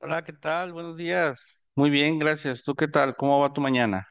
Hola, ¿qué tal? Buenos días. Muy bien, gracias. ¿Tú qué tal? ¿Cómo va tu mañana?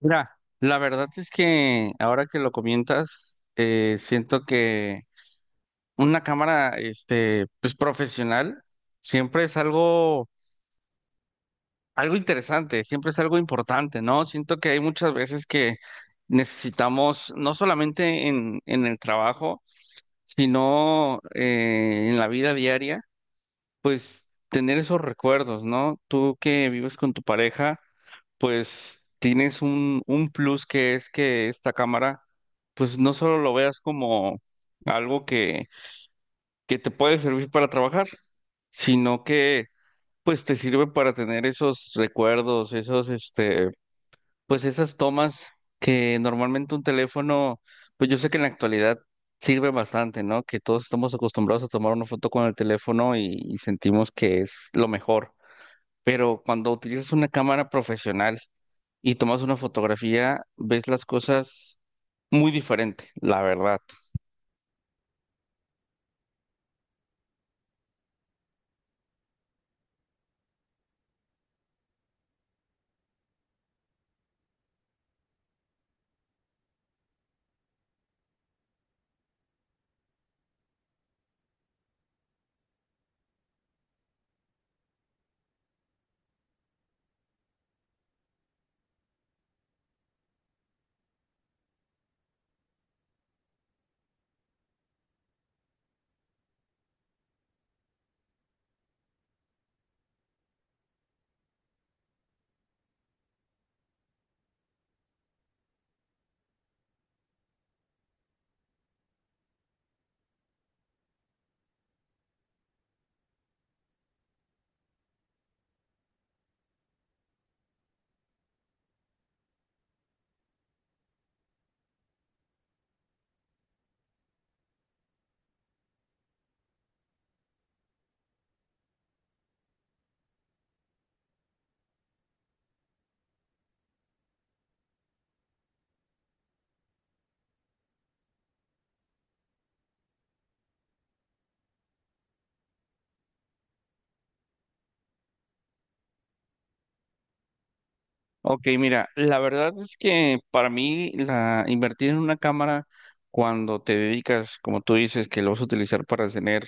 Mira, la verdad es que ahora que lo comentas, siento que una cámara, este, pues profesional, siempre es algo, algo interesante, siempre es algo importante, ¿no? Siento que hay muchas veces que necesitamos, no solamente en el trabajo, sino en la vida diaria, pues tener esos recuerdos, ¿no? Tú que vives con tu pareja. Pues tienes un plus que es que esta cámara, pues no solo lo veas como algo que te puede servir para trabajar, sino que pues te sirve para tener esos recuerdos, pues esas tomas que normalmente un teléfono, pues yo sé que en la actualidad sirve bastante, ¿no? Que todos estamos acostumbrados a tomar una foto con el teléfono y sentimos que es lo mejor. Pero cuando utilizas una cámara profesional, y tomas una fotografía, ves las cosas muy diferente, la verdad. Ok, mira, la verdad es que para mí la invertir en una cámara cuando te dedicas, como tú dices, que lo vas a utilizar para tener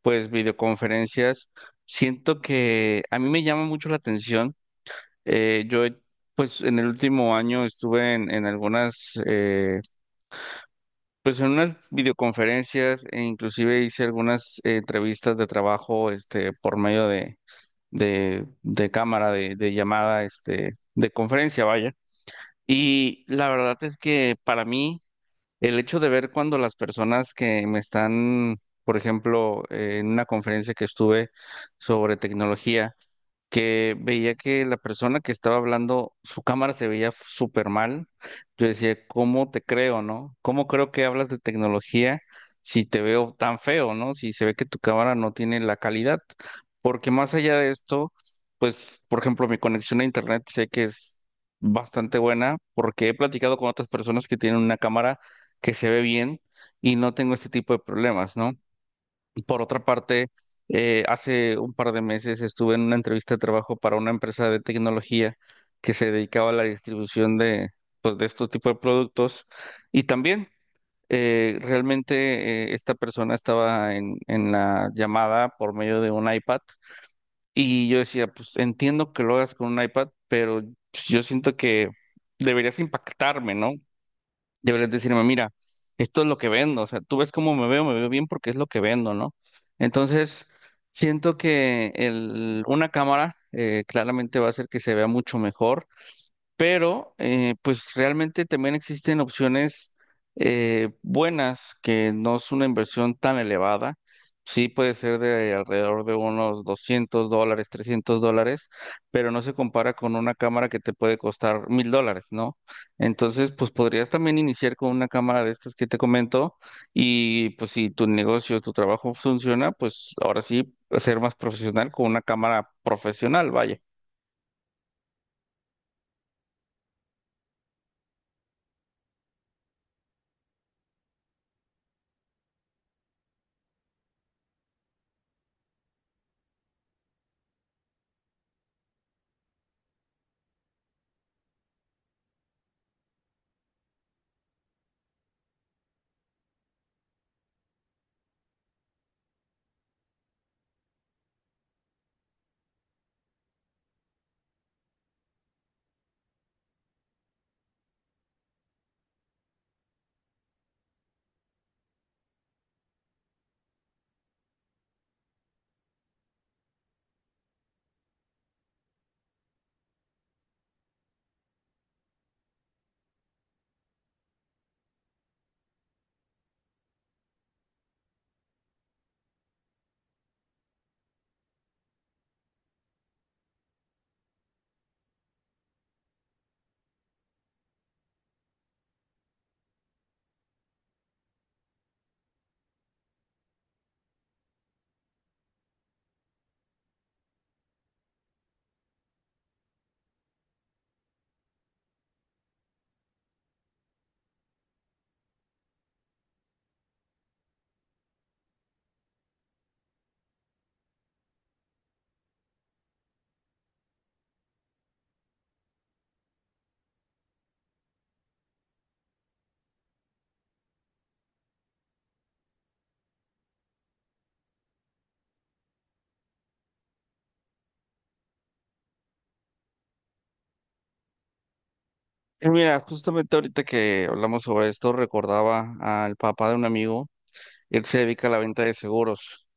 pues videoconferencias, siento que a mí me llama mucho la atención. Eh, yo he- pues en el último año estuve en algunas pues en unas videoconferencias e inclusive hice algunas entrevistas de trabajo este por medio de de cámara, de llamada, este, de conferencia, vaya. Y la verdad es que para mí, el hecho de ver cuando las personas que me están, por ejemplo, en una conferencia que estuve sobre tecnología, que veía que la persona que estaba hablando, su cámara se veía súper mal. Yo decía, ¿cómo te creo, no? ¿Cómo creo que hablas de tecnología si te veo tan feo, no? Si se ve que tu cámara no tiene la calidad. Porque más allá de esto, pues, por ejemplo, mi conexión a internet sé que es bastante buena porque he platicado con otras personas que tienen una cámara que se ve bien y no tengo este tipo de problemas, ¿no? Por otra parte, hace un par de meses estuve en una entrevista de trabajo para una empresa de tecnología que se dedicaba a la distribución de, pues, de estos tipos de productos. Y también realmente esta persona estaba en la llamada por medio de un iPad. Y yo decía, pues entiendo que lo hagas con un iPad, pero yo siento que deberías impactarme, ¿no? Deberías decirme, mira, esto es lo que vendo, o sea, tú ves cómo me veo bien porque es lo que vendo, ¿no? Entonces, siento que una cámara claramente va a hacer que se vea mucho mejor pero pues realmente también existen opciones buenas que no es una inversión tan elevada. Sí puede ser de alrededor de unos $200, $300, pero no se compara con una cámara que te puede costar $1000, ¿no? Entonces, pues podrías también iniciar con una cámara de estas que te comento y pues si tu negocio, tu trabajo funciona, pues ahora sí ser más profesional con una cámara profesional, vaya. Y mira, justamente ahorita que hablamos sobre esto, recordaba al papá de un amigo, él se dedica a la venta de seguros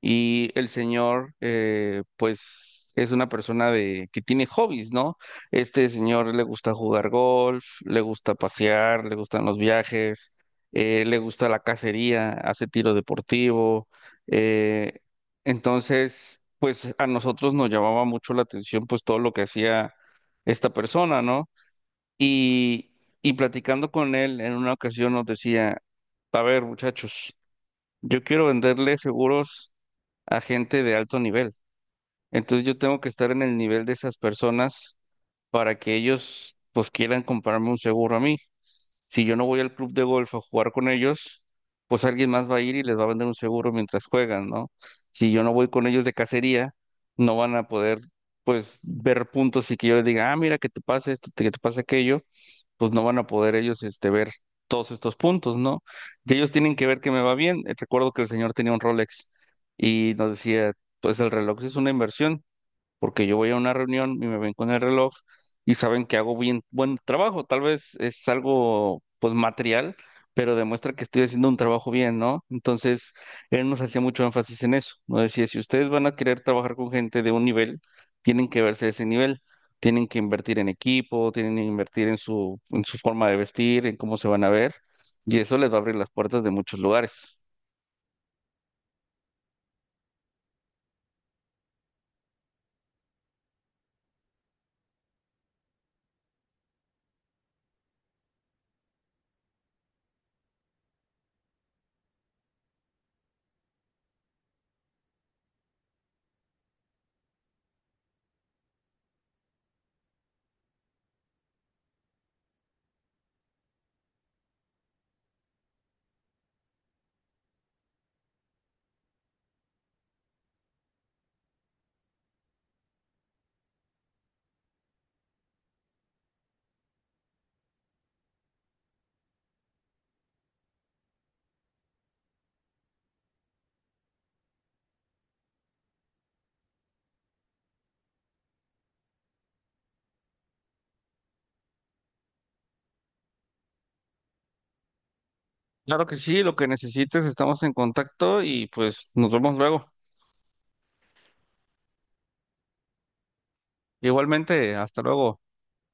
y el señor, pues, es una persona de que tiene hobbies, ¿no? Este señor le gusta jugar golf, le gusta pasear, le gustan los viajes, le gusta la cacería, hace tiro deportivo, eh, entonces pues, a nosotros nos llamaba mucho la atención, pues, todo lo que hacía esta persona, ¿no? Y, y platicando con él en una ocasión nos decía, a ver, muchachos, yo quiero venderle seguros a gente de alto nivel. Entonces yo tengo que estar en el nivel de esas personas para que ellos pues quieran comprarme un seguro a mí. Si yo no voy al club de golf a jugar con ellos, pues alguien más va a ir y les va a vender un seguro mientras juegan, ¿no? Si yo no voy con ellos de cacería, no van a poder, pues, ver puntos y que yo les diga, ah, mira, que te pasa esto, que te pasa aquello, pues no van a poder ellos, este, ver todos estos puntos, ¿no? Y ellos tienen que ver que me va bien. Recuerdo que el señor tenía un Rolex y nos decía, pues el reloj es una inversión porque yo voy a una reunión y me ven con el reloj y saben que hago bien buen trabajo. Tal vez es algo pues material, pero demuestra que estoy haciendo un trabajo bien, ¿no? Entonces, él nos hacía mucho énfasis en eso. Nos decía, si ustedes van a querer trabajar con gente de un nivel, tienen que verse ese nivel. Tienen que invertir en equipo, tienen que invertir en su forma de vestir, en cómo se van a ver, y eso les va a abrir las puertas de muchos lugares. Claro que sí, lo que necesites, estamos en contacto y pues nos vemos luego. Igualmente, hasta luego.